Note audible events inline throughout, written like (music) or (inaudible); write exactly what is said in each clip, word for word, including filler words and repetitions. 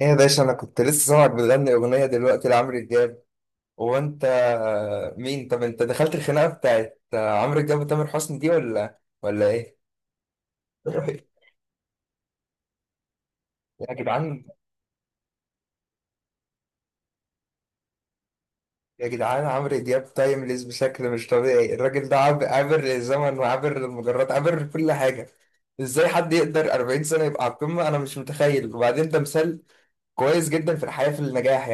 ايه يا باشا، انا كنت لسه سامعك بتغني اغنيه دلوقتي لعمرو دياب. هو انت مين؟ طب انت دخلت الخناقه بتاعت عمرو دياب وتامر حسني دي ولا ولا ايه؟ (laughs) يا جدعان، يا جدعان، عمرو دياب تايمليس بشكل مش طبيعي. الراجل ده عاب- عابر للزمن وعابر للمجرات، عابر لكل حاجه. ازاي حد يقدر أربعين سنه يبقى على القمه؟ انا مش متخيل. وبعدين ده مثال كويس جدا في الحياه، في النجاح.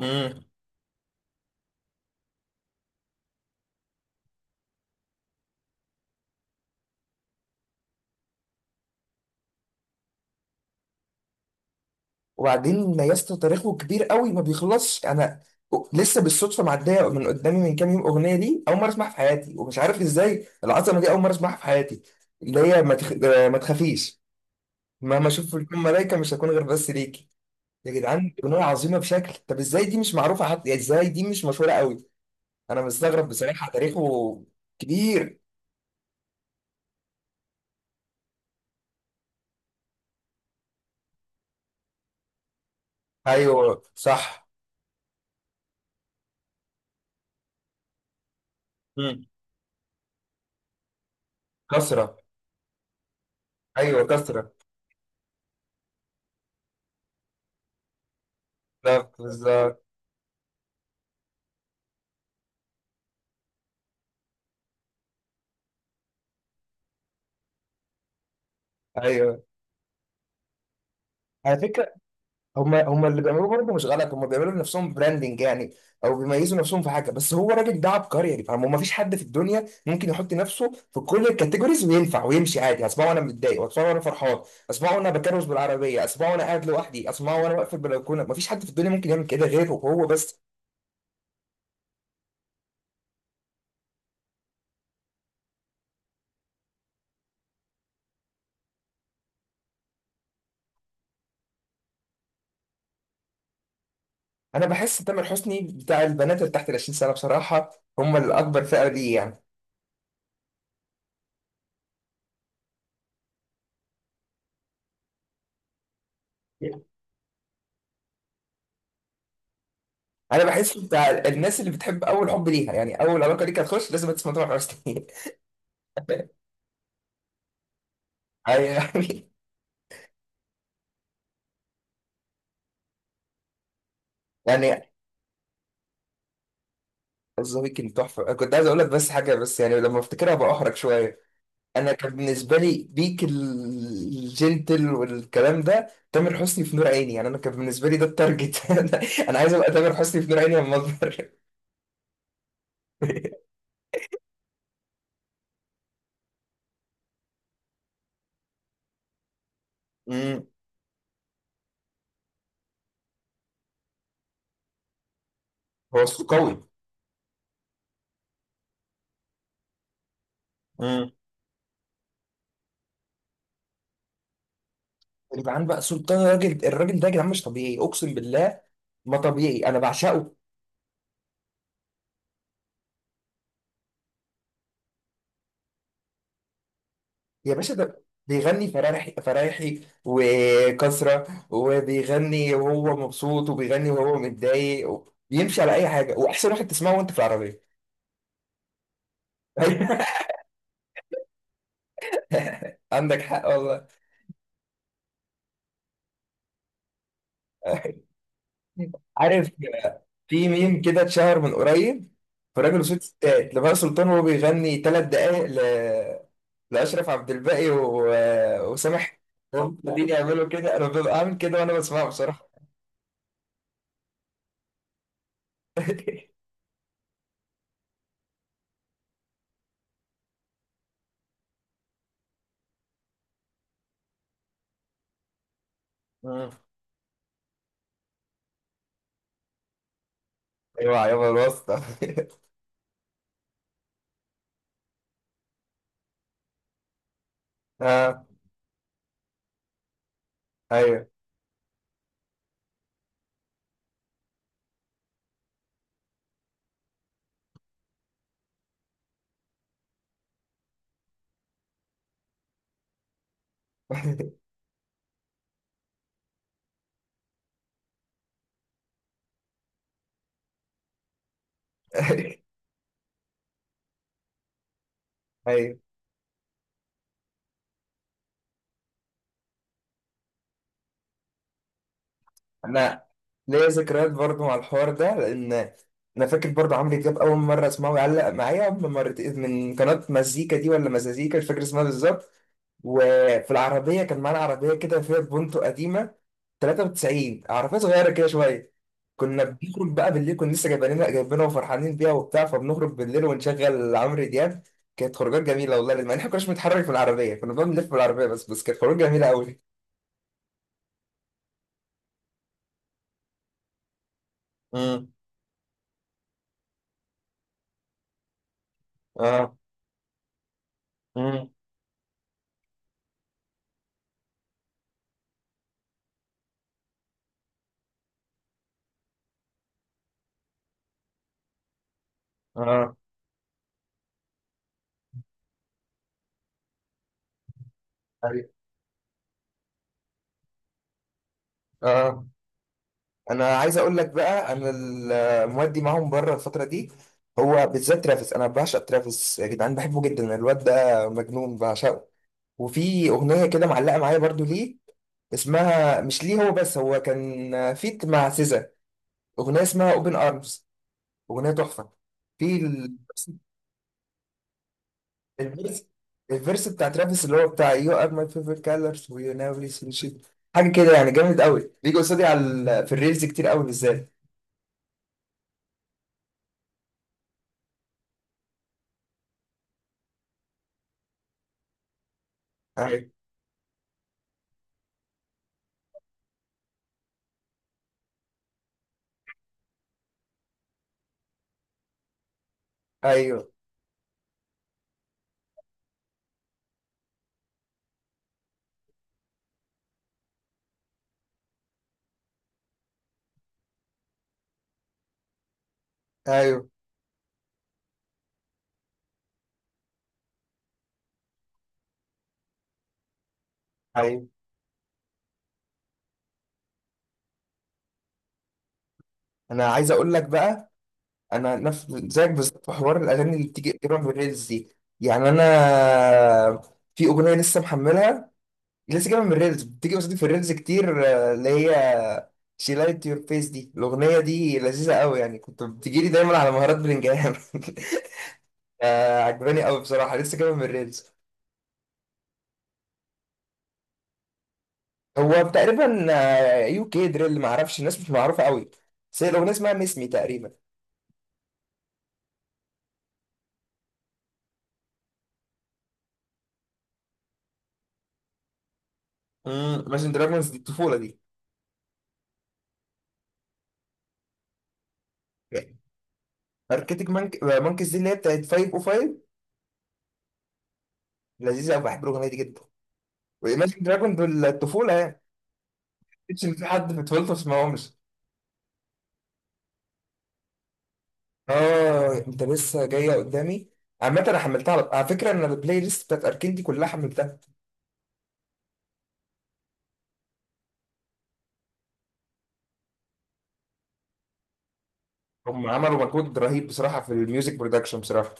يعني وبعدين ما يسطا تاريخه كبير قوي، ما بيخلصش. انا لسه بالصدفه معديه من قدامي من كام يوم اغنيه، دي اول مره اسمعها في حياتي، ومش عارف ازاي العظمه دي اول مره اسمعها في حياتي. اللي هي ما, تخ... آه، ما تخافيش، مهما اشوف الكون ملايكه مش هكون غير بس ليكي. يا جدعان، اغنيه عظيمه بشكل. طب ازاي دي مش معروفه حتى؟ يعني ازاي دي مش مشهوره قوي؟ انا مستغرب بصراحه. تاريخه كبير. ايوه صح. مم. كسره. ايوه كسره. بالظبط، بالظبط. ايوه. على فكره، هم هم اللي بيعملوه برضه مش غلط. هم بيعملوا لنفسهم براندنج يعني، او بيميزوا نفسهم في حاجه. بس هو الراجل ده عبقري، يعني فاهم؟ ما فيش حد في الدنيا ممكن يحط نفسه في كل الكاتيجوريز وينفع ويمشي عادي. اسمعه وانا متضايق، واسمعه وانا فرحان، اسمعه وانا بكرس بالعربيه، اسمعه وانا قاعد لوحدي، اسمعه وانا واقف في البلكونه. ما فيش حد في الدنيا ممكن يعمل كده غيره، هو بس. انا بحس تامر حسني بتاع البنات اللي تحت ال العشرين سنه بصراحه. هم الاكبر، فئه دي يعني. انا بحس بتاع الناس اللي بتحب اول حب ليها، يعني اول علاقه ليك هتخش لازم تسمع تامر حسني. (laughs) يعني. يعني ذا ويكند تحفه. أنا كنت عايز اقول لك بس حاجه، بس يعني لما افتكرها بأحرج شويه. انا كان بالنسبه لي بيك ال- الجنتل والكلام ده، تامر حسني في نور عيني. يعني انا كان بالنسبه لي ده التارجت. (laughs) انا، أنا عايز ابقى تامر حسني في نور عيني لما اكبر. (laughs) أمم، هو صوته قوي. امم. يبقى عن بقى سلطان. الراجل الراجل ده يا جدعان مش طبيعي، اقسم بالله. ما طبيعي، انا بعشقه. يا باشا، ده بيغني فرايحي فرايحي وكسرة، وبيغني وهو مبسوط، وبيغني وهو متضايق. بيمشي على أي حاجة، وأحسن واحد تسمعه وأنت في العربية. (laughs) عندك حق والله. (laughs) عارف، في ميم كده اتشهر من قريب، في راجل وست ستات لبهاء سلطان وهو بيغني ثلاث دقايق ل... لأشرف عبد الباقي و... وسامح، قاعدين يعملوا كده. أنا ببقى عامل كده وأنا بسمعه بصراحة. (laughs) مم. ايوه يابا، الواسطة. (laughs) ايوه. (laughs) ايوه. انا ليا ذكريات برضو مع الحوار ده، لان انا فاكر برضو عمرو دياب اول مره اسمعه يعلق معايا من مرتين، من قناه مزيكا دي ولا مزازيكا، مش فاكر اسمها بالظبط. وفي العربيه، كان معانا عربيه كده فيها بونتو قديمه، تلاته وتسعين، عربيه صغيره كده شويه. كنا بنخرج بقى بالليل، كنا لسه جايبينها جايبينها وفرحانين بيها وبتاع، فبنخرج بالليل ونشغل عمرو دياب. كانت خروجات جميله والله، لان احنا ما كناش بنتحرك في العربيه، كنا بنلف بالعربيه بس. بس كانت خروج جميله قوي. امم. اه. مم. اه. أيوة. اه. انا عايز اقول لك بقى، انا ال- مودي معاهم بره الفتره دي. هو بالذات ترافيس، انا بعشق ترافيس يا جدعان، بحبه جدا. الواد ده مجنون، بعشقه. وفي اغنيه كده معلقه معايا برضو ليه. اسمها مش ليه هو، بس هو كان فيت مع سيزا. اغنيه اسمها اوبن ارمز، اغنيه تحفه. في ال- الفيرس، الفيرس بتاع ترافيس اللي هو بتاع يو ار ماي فيفورت كالرز ويو نيفر سين شيت. حاجه كده يعني، جامد قوي. بيجي قصادي على ال- في الريلز كتير قوي بالذات. أيوه، أيوه، أيوه، أيوه. أنا عايز أقول لك بقى، أنا نفس زيك بالظبط في حوار الأغاني اللي بتيجي جايبها من الريلز دي. يعني أنا في أغنية لسه محملها، لسه جايبها من الريلز، بتيجي قصادي في الريلز كتير. آه، اللي هي شي لايت يور فيس، دي الأغنية دي لذيذة قوي. يعني كنت بتجيلي دايما على مهارات بلنجهام. (laughs) آه، عجباني قوي بصراحة، لسه جايبها من الريلز. هو تقريبا آه، يو كي دريل، ما اعرفش، الناس مش معروفة قوي. بس هي الأغنية اسمها ميس مي تقريبا. امم. ماشن دراجونز دي الطفولة دي. اركتيك مانك... مانكيز دي اللي هي بتاعت فايف او فايف. لذيذه قوي، بحب الاغنيه دي جدا. وايماجن دراجون دول الطفوله يعني، مش ان في حد في طفولته ما سمعهمش. اه انت لسه جايه قدامي. عامة انا حملتها. على على فكره، ان البلاي ليست بتاعت اركين دي كلها حملتها. هم عملوا مجهود رهيب بصراحه في الميوزك برودكشن بصراحه.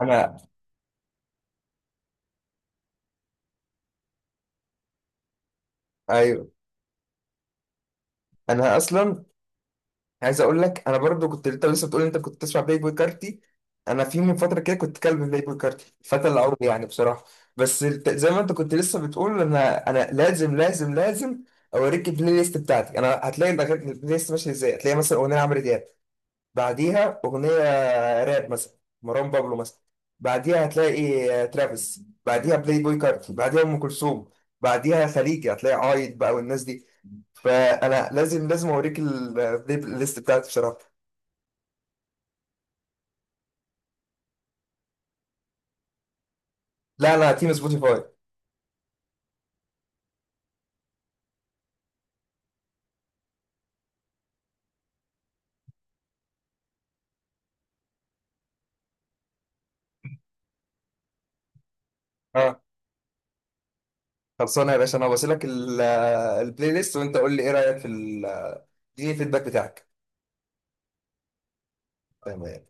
انا، ايوه، انا اصلا عايز اقول لك، انا برضو كنت، انت لسه بتقول انت كنت تسمع بلاي بوي كارتي. انا في من فتره كده كنت كلب بلاي بوي كارتي الفتى العمري يعني بصراحه. بس الت- زي ما انت كنت لسه بتقول، انا انا لازم لازم لازم اوريك البلاي ليست بتاعتي. انا هتلاقي الأغاني- البلاي ليست ماشيه ازاي. هتلاقي مثلا اغنيه عمرو دياب، بعديها اغنيه راب مثلا، مروان بابلو مثلا. بعديها هتلاقي آه، ترافيس، بعديها بلاي بوي كارتي، بعديها ام كلثوم، بعديها خليجي هتلاقي عايد بقى والناس دي. فانا لازم لازم اوريك البلاي ليست بتاعتي بصراحه. لا، لا، تيم سبوتيفاي. اه. خلصانه يا باشا، انا بسيلك البلاي ليست، وانت قول لي ايه رايك في ال- اديني الفيدباك بتاعك. تمام.